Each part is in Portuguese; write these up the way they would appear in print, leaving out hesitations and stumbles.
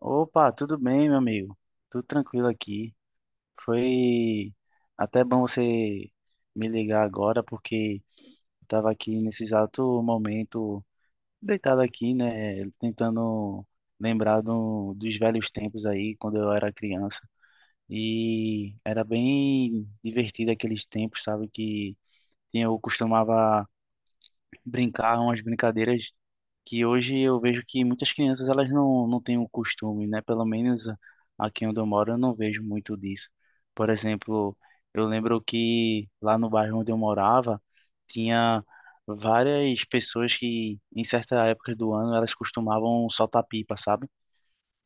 Opa, tudo bem, meu amigo? Tudo tranquilo aqui. Foi até bom você me ligar agora, porque estava aqui nesse exato momento, deitado aqui, né? Tentando lembrar dos velhos tempos aí, quando eu era criança. E era bem divertido aqueles tempos, sabe? Que eu costumava brincar umas brincadeiras que hoje eu vejo que muitas crianças elas não têm o costume, né? Pelo menos aqui onde eu moro eu não vejo muito disso. Por exemplo, eu lembro que lá no bairro onde eu morava tinha várias pessoas que em certa época do ano elas costumavam soltar pipa, sabe?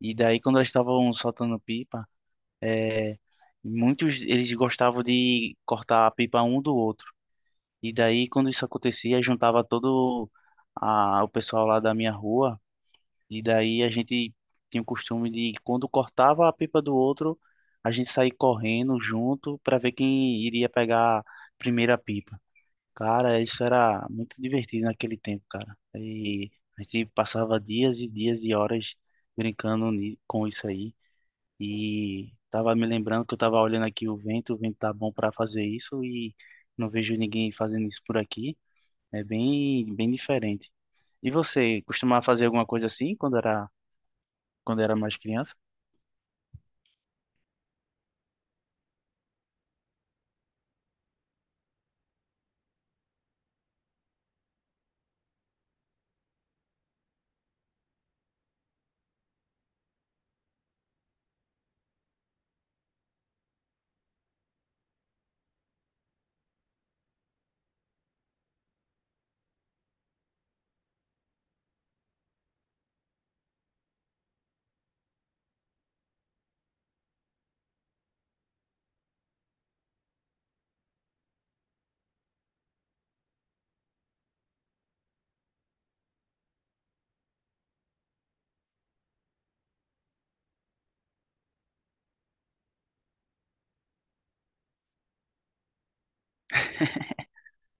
E daí quando elas estavam soltando pipa, é, muitos eles gostavam de cortar a pipa um do outro. E daí quando isso acontecia, juntava o pessoal lá da minha rua e daí a gente tinha o costume de, quando cortava a pipa do outro, a gente sair correndo junto para ver quem iria pegar a primeira pipa. Cara, isso era muito divertido naquele tempo, cara. E a gente passava dias e dias e horas brincando com isso aí. E tava me lembrando que eu tava olhando aqui o vento tá bom para fazer isso e não vejo ninguém fazendo isso por aqui. É bem, bem diferente. E você costumava fazer alguma coisa assim quando era mais criança.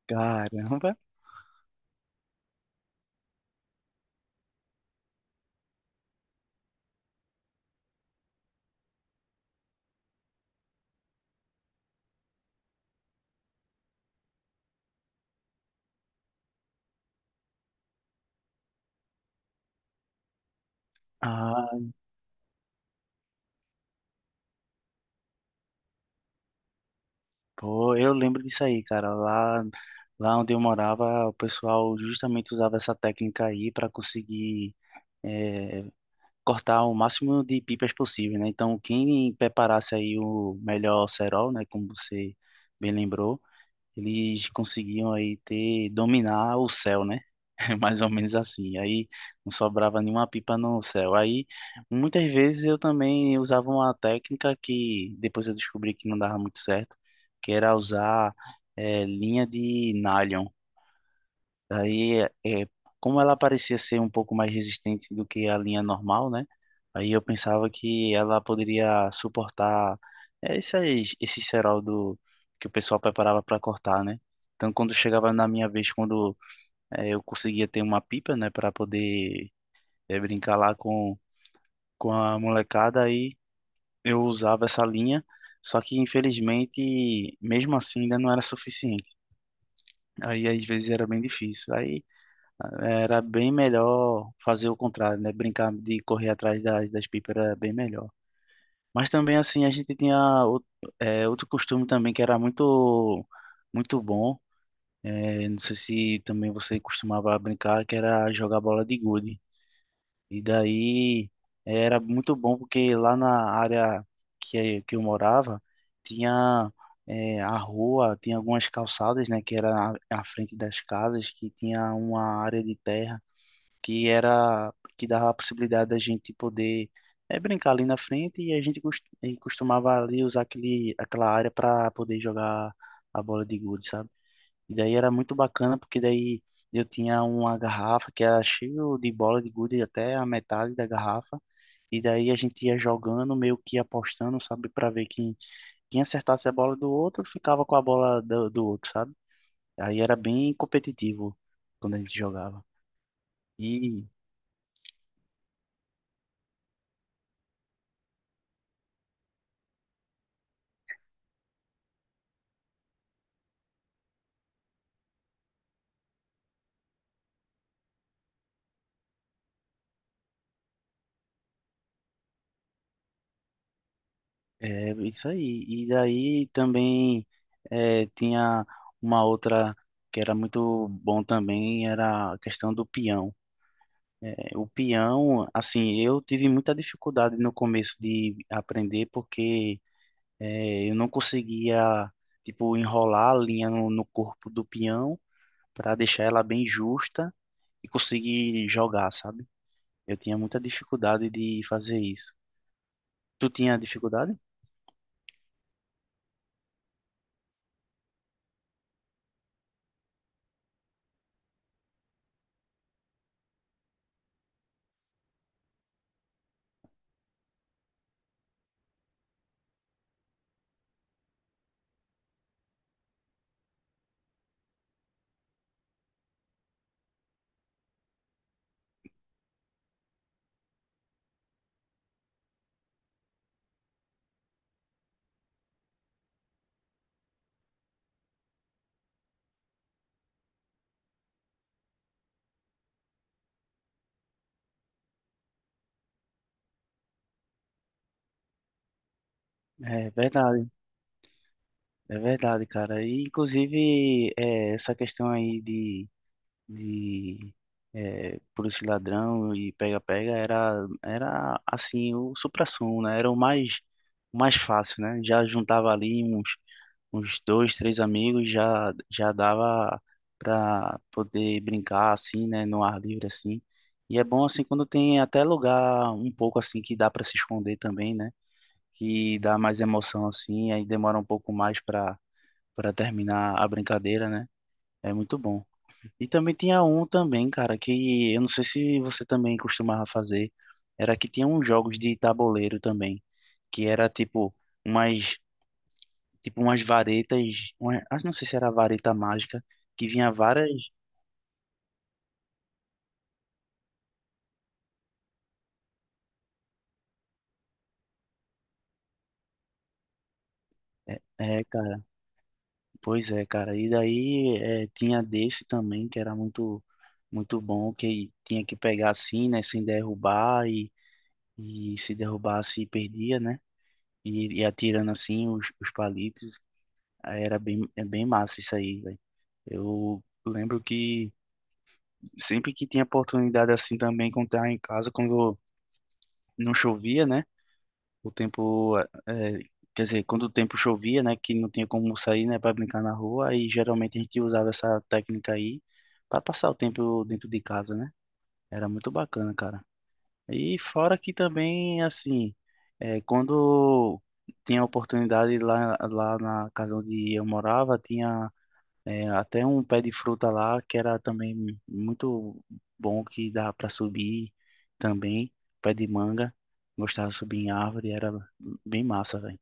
Caramba! Ah, pô, eu lembro disso aí, cara. Lá onde eu morava, o pessoal justamente usava essa técnica aí para conseguir eh, cortar o máximo de pipas possível, né? Então, quem preparasse aí o melhor cerol, né, como você bem lembrou, eles conseguiam aí ter, dominar o céu, né? Mais ou menos assim. Aí não sobrava nenhuma pipa no céu. Aí muitas vezes eu também usava uma técnica que depois eu descobri que não dava muito certo, que era usar linha de nylon. Aí, é, como ela parecia ser um pouco mais resistente do que a linha normal, né? Aí eu pensava que ela poderia suportar esse cerol que o pessoal preparava para cortar, né? Então, quando chegava na minha vez, quando eu conseguia ter uma pipa, né, para poder brincar lá com a molecada, aí eu usava essa linha. Só que, infelizmente, mesmo assim, ainda não era suficiente. Aí, às vezes, era bem difícil. Aí, era bem melhor fazer o contrário, né? Brincar de correr atrás das pipas era bem melhor. Mas também, assim, a gente tinha outro, outro costume também que era muito bom. É, não sei se também você costumava brincar, que era jogar bola de gude. E daí é, era muito bom porque lá na área que eu morava, tinha a rua, tinha algumas calçadas, né? Que era à frente das casas, que tinha uma área de terra que era que dava a possibilidade da gente poder brincar ali na frente e e costumava ali usar aquela área para poder jogar a bola de gude, sabe? E daí era muito bacana porque daí eu tinha uma garrafa que era cheia de bola de gude até a metade da garrafa. E daí a gente ia jogando, meio que apostando, sabe, para ver quem acertasse a bola do outro ficava com a bola do outro, sabe? Aí era bem competitivo quando a gente jogava. E É isso aí. E daí também tinha uma outra que era muito bom também, era a questão do peão. Eh, o peão, assim, eu tive muita dificuldade no começo de aprender porque eu não conseguia, tipo, enrolar a linha no corpo do peão para deixar ela bem justa e conseguir jogar, sabe? Eu tinha muita dificuldade de fazer isso. Tu tinha dificuldade? É verdade. É verdade, cara. E, inclusive, é, essa questão aí de é, polícia e ladrão e pega-pega era, assim, o suprassumo, né? O mais fácil, né? Já juntava ali uns dois, três amigos, já dava pra poder brincar, assim, né? No ar livre, assim. E é bom, assim, quando tem até lugar um pouco, assim, que dá pra se esconder também, né? Que dá mais emoção, assim, aí demora um pouco mais pra para terminar a brincadeira, né? É muito bom. E também tinha um também, cara, que eu não sei se você também costumava fazer, era que tinha uns jogos de tabuleiro também, que era umas tipo umas varetas, uma, ah, não sei se era vareta mágica, que vinha várias, é, cara, pois é, cara. E daí é, tinha desse também que era muito bom, que tinha que pegar assim, né, sem derrubar e se derrubasse perdia, né? E atirando assim os palitos. Aí era é bem massa isso aí, velho. Eu lembro que sempre que tinha oportunidade assim também, quando tava em casa, quando não chovia, né? O tempo, eh, quer dizer, quando o tempo chovia, né? Que não tinha como sair, né? Para brincar na rua. Aí geralmente a gente usava essa técnica aí para passar o tempo dentro de casa, né? Era muito bacana, cara. E fora que também, assim, é, quando tinha oportunidade lá na casa onde eu morava, tinha é, até um pé de fruta lá que era também muito bom, que dava para subir também, pé de manga. Gostava de subir em árvore, era bem massa, velho.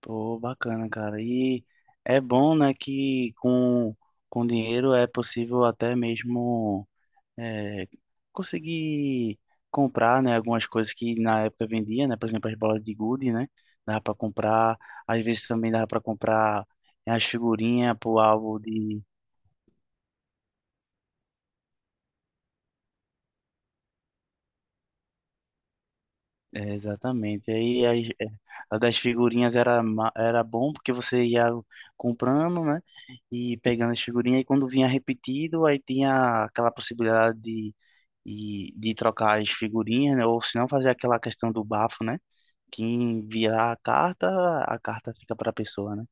Pô, bacana, cara. E é bom, né, com dinheiro é possível até mesmo é, consegui comprar, né, algumas coisas que na época vendia, né, por exemplo, as bolas de gude, né, dava para comprar, às vezes também dava para comprar as figurinhas pro álbum de... É, exatamente, a das figurinhas era bom porque você ia comprando, né, e pegando as figurinhas, e quando vinha repetido, aí tinha aquela possibilidade de trocar as figurinhas, né, ou se não fazer aquela questão do bafo, né. Quem virar a carta fica pra pessoa, né?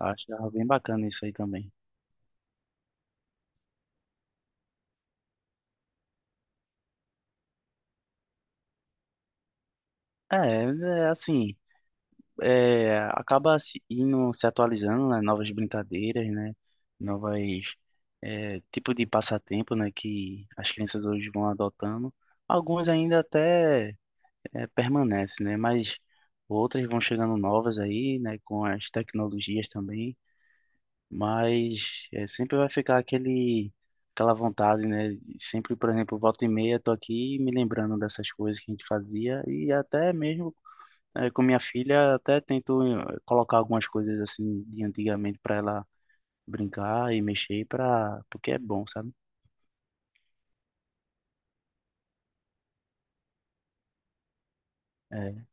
Eu acho bem bacana isso aí também. É, é assim, é, acaba se indo se atualizando, né? Novas brincadeiras, né? Novas tipo de passatempo, né? Que as crianças hoje vão adotando. Alguns ainda até permanecem, né? Mas outras vão chegando novas aí, né? Com as tecnologias também. Mas é, sempre vai ficar aquela vontade, né? Sempre, por exemplo, volta e meia, tô aqui me lembrando dessas coisas que a gente fazia e até mesmo é, com minha filha, até tento colocar algumas coisas assim de antigamente para ela brincar e mexer para porque é bom, sabe? É,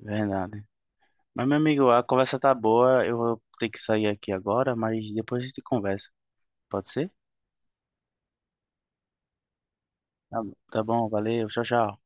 verdade. Mas, meu amigo, a conversa tá boa, eu vou ter que sair aqui agora, mas depois a gente conversa. Pode ser? Tá, tá bom, valeu, tchau, tchau.